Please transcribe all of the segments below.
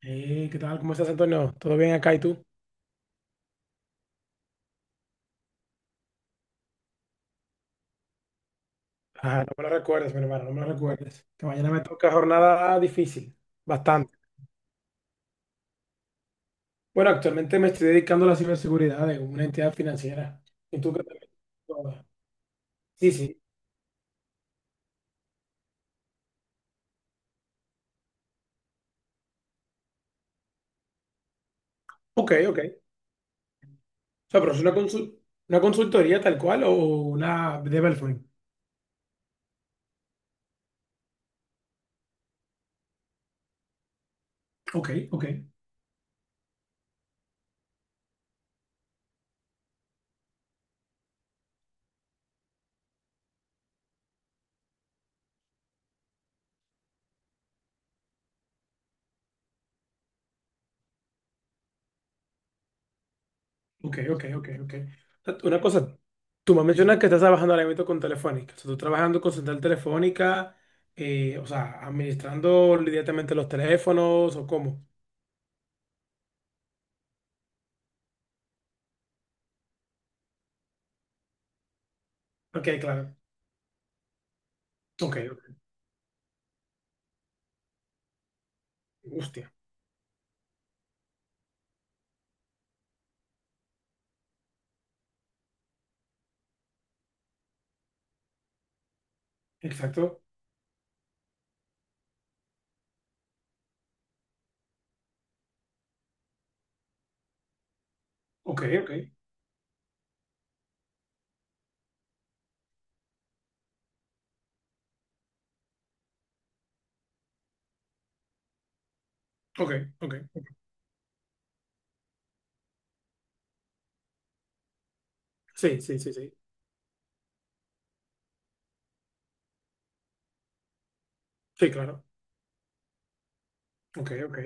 Hey, ¿qué tal? ¿Cómo estás, Antonio? ¿Todo bien acá y tú? Ah, no me lo recuerdes, mi hermano, no me lo recuerdes. Que mañana me toca jornada difícil, bastante. Bueno, actualmente me estoy dedicando a la ciberseguridad de una entidad financiera. ¿Y tú qué tal? Sí, sí. Ok, ok. O sea, pero es una consultoría tal cual o una development. Ok, ok. Ok, ok, ok, ok. O sea, una cosa, tú me mencionas que estás trabajando ahora mismo con Telefónica. O sea, tú trabajando con Central Telefónica, o sea, administrando directamente los teléfonos o cómo. Ok, claro. Ok, ok. Hostia. Exacto. Ok, ok. Ok, ok. Sí, sí, sí, sí. Sí, claro. Ok, ok.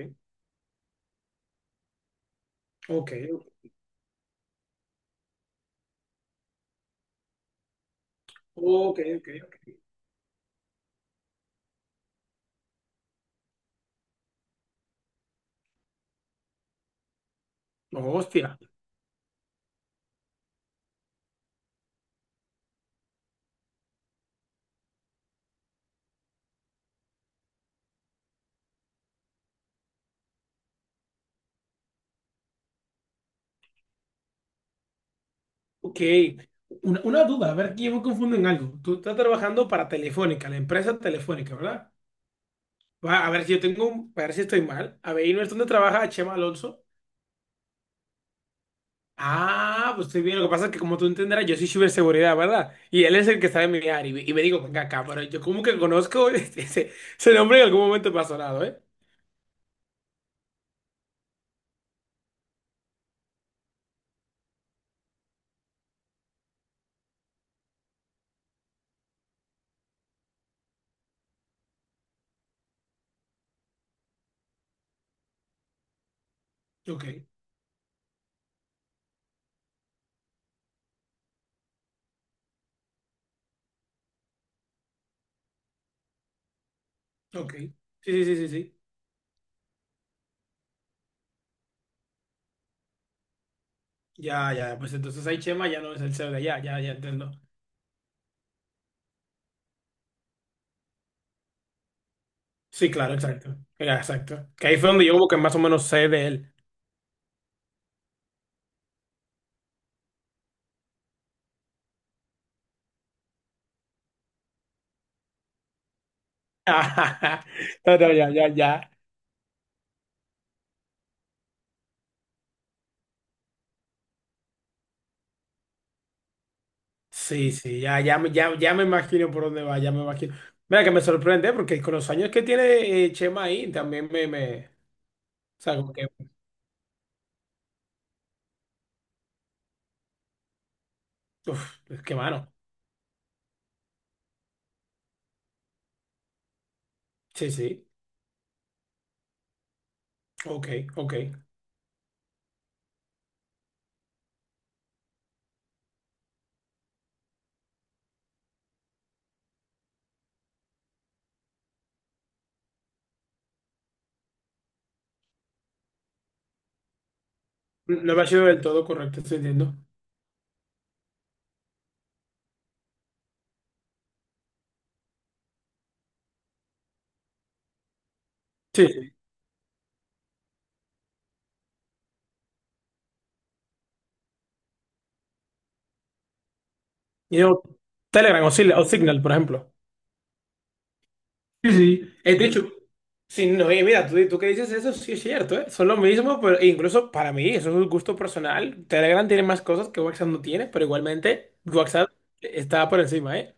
Ok, ok, ok, ok. Hostia. Ok. Una duda, a ver, que yo me confundo en algo. Tú estás trabajando para Telefónica, la empresa Telefónica, ¿verdad? Va, a ver si yo tengo, a ver si estoy mal. A ver, ¿y no es donde trabaja Chema Alonso? Ah, pues estoy bien. Lo que pasa es que como tú entenderás, yo soy ciberseguridad, ¿verdad? Y él es el que está en mi área. Y me digo, venga acá, pero yo como que conozco ese nombre en algún momento me ha sonado, ¿eh? Ok, ok. Sí, sí, sí, sí, sí. Ya, ya, pues entonces ahí Chema ya no es el CEO de allá, ya, ya entiendo. Sí, claro, exacto. Ya, exacto. Que ahí fue donde yo como que más o menos sé de él. No, no, ya, ya, ya. Sí, sí, ya, ya, ya, ya me imagino por dónde va, ya me imagino. Mira que me sorprende porque con los años que tiene Chema ahí también me, o sea, como que, uf, es que mano. Sí, sí, ok, ok. No me ha sido del todo correcto, estoy entiendo. Sí, sí. Y no, Telegram o, o Signal, por ejemplo. Sí, sí. He dicho, sí, no, y mira, tú que dices eso, sí es cierto, ¿eh? Son lo mismo, pero e incluso para mí, eso es un gusto personal. Telegram tiene más cosas que WhatsApp no tiene, pero igualmente WhatsApp está por encima, ¿eh?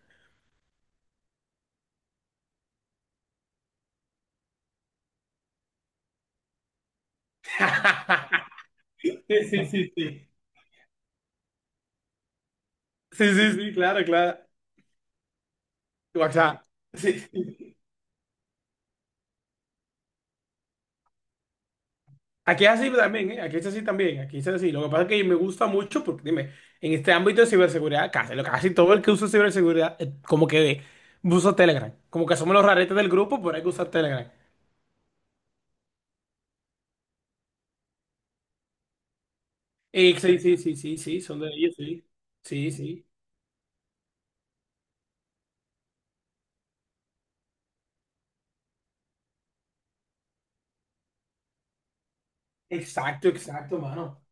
Sí, sí, sí, sí. Sí, sí, sí, claro, claro. O sea, sí, sí. Aquí es así también, ¿eh? Aquí es así también, aquí es así. Lo que pasa es que me gusta mucho porque, dime, en este ámbito de ciberseguridad, casi, casi todo el que usa ciberseguridad, como que usa Telegram. Como que somos los raretes del grupo, pero hay que usar Telegram. Sí, sí, sí, sí, sí, son de ellos, sí. Sí, sí. Exacto, exacto, mano.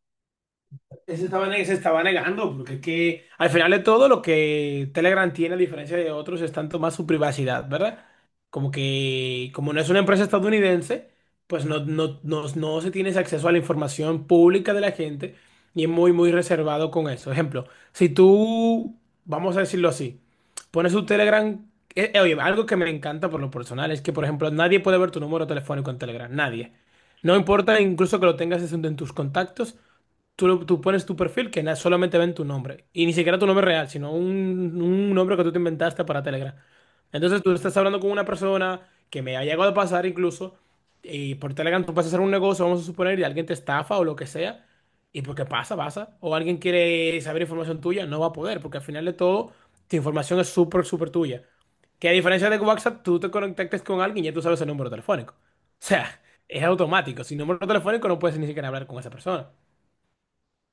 Se estaba negando, porque es que al final de todo lo que Telegram tiene, a diferencia de otros, es tanto más su privacidad, ¿verdad? Como que, como no es una empresa estadounidense, pues no se tiene ese acceso a la información pública de la gente y es muy, muy reservado con eso. Ejemplo, si tú, vamos a decirlo así, pones tu Telegram, oye, algo que me encanta por lo personal es que, por ejemplo, nadie puede ver tu número telefónico en Telegram, nadie. No importa incluso que lo tengas en tus contactos. Tú pones tu perfil que solamente ven tu nombre. Y ni siquiera tu nombre real, sino un nombre que tú te inventaste para Telegram. Entonces tú estás hablando con una persona que me ha llegado a pasar incluso. Y por Telegram tú vas a hacer un negocio, vamos a suponer, y alguien te estafa o lo que sea. Y porque pasa, pasa. O alguien quiere saber información tuya, no va a poder, porque al final de todo, tu información es súper, súper tuya. Que a diferencia de WhatsApp, tú te conectas con alguien y ya tú sabes el número telefónico. O sea, es automático. Sin número telefónico no puedes ni siquiera hablar con esa persona.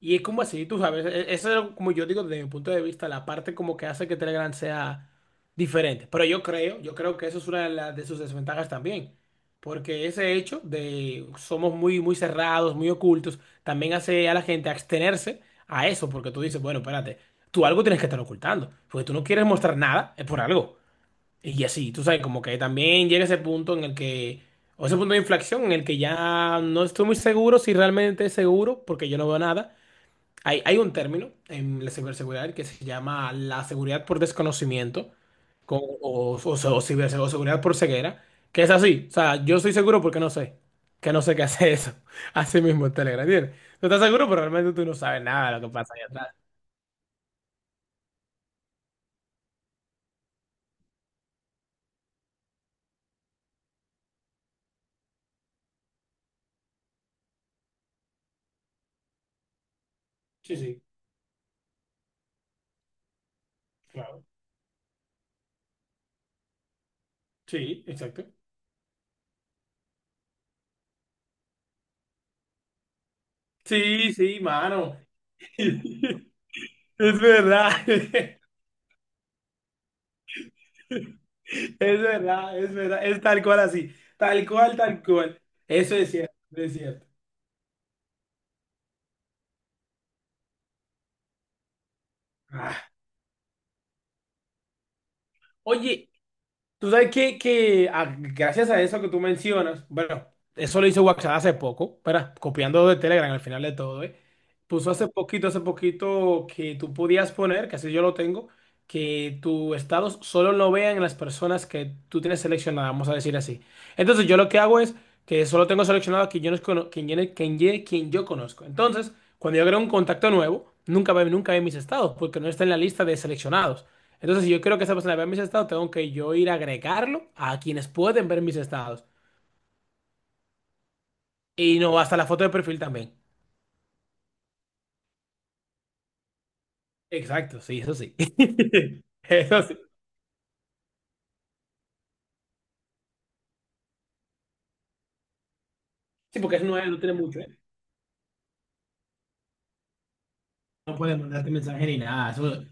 Y es como así, tú sabes, eso es como yo digo desde mi punto de vista, la parte como que hace que Telegram sea diferente. Pero yo creo que eso es una de sus desventajas también. Porque ese hecho de somos muy, muy cerrados, muy ocultos, también hace a la gente abstenerse a eso, porque tú dices, bueno, espérate, tú algo tienes que estar ocultando, porque tú no quieres mostrar nada, es por algo. Y así, tú sabes, como que también llega ese punto en el que, o ese punto de inflexión en el que ya no estoy muy seguro si realmente es seguro, porque yo no veo nada. Hay un término en la ciberseguridad que se llama la seguridad por desconocimiento o seguridad por ceguera, que es así. O sea, yo estoy seguro porque no sé, que no sé qué hace eso. Así mismo en Telegram, ¿entiendes? Tú estás seguro, pero realmente tú no sabes nada de lo que pasa allá atrás. Sí, sí, claro. Sí, exacto. Sí, sí, mano. Es verdad. Es verdad, es verdad. Es tal cual así. Tal cual, tal cual. Eso es cierto, es cierto. Ah. Oye, tú sabes que gracias a eso que tú mencionas, bueno, eso lo hizo WhatsApp hace poco, espera, copiando de Telegram al final de todo, ¿eh? Puso hace poquito que tú podías poner, que así yo lo tengo, que tus estados solo lo vean las personas que tú tienes seleccionadas, vamos a decir así. Entonces yo lo que hago es que solo tengo seleccionado a quien yo, no cono- quien, yo- quien, yo- quien yo conozco. Entonces, cuando yo creo un contacto nuevo, nunca ve mis estados, porque no está en la lista de seleccionados. Entonces, si yo quiero que esa persona vea mis estados, tengo que yo ir a agregarlo a quienes pueden ver mis estados. Y no hasta la foto de perfil también. Exacto, sí, eso sí. Eso sí. Sí, porque eso no tiene mucho, ¿eh? No pueden mandarte mensaje ni nada. Eso,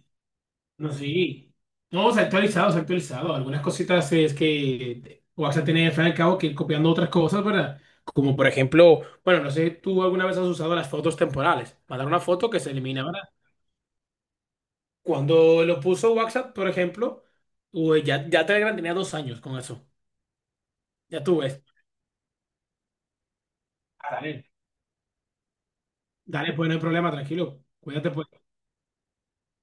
no, sí. No, se ha actualizado, se ha actualizado. Algunas cositas es que WhatsApp tiene al fin y al cabo que ir copiando otras cosas, ¿verdad? Como por ejemplo, bueno, no sé, tú alguna vez has usado las fotos temporales. Mandar una foto que se elimina. Cuando lo puso WhatsApp, por ejemplo, uy, ya, ya Telegram tenía 2 años con eso. Ya tú ves. Ah, dale, dale, pues no hay problema, tranquilo. Cuídate, pues.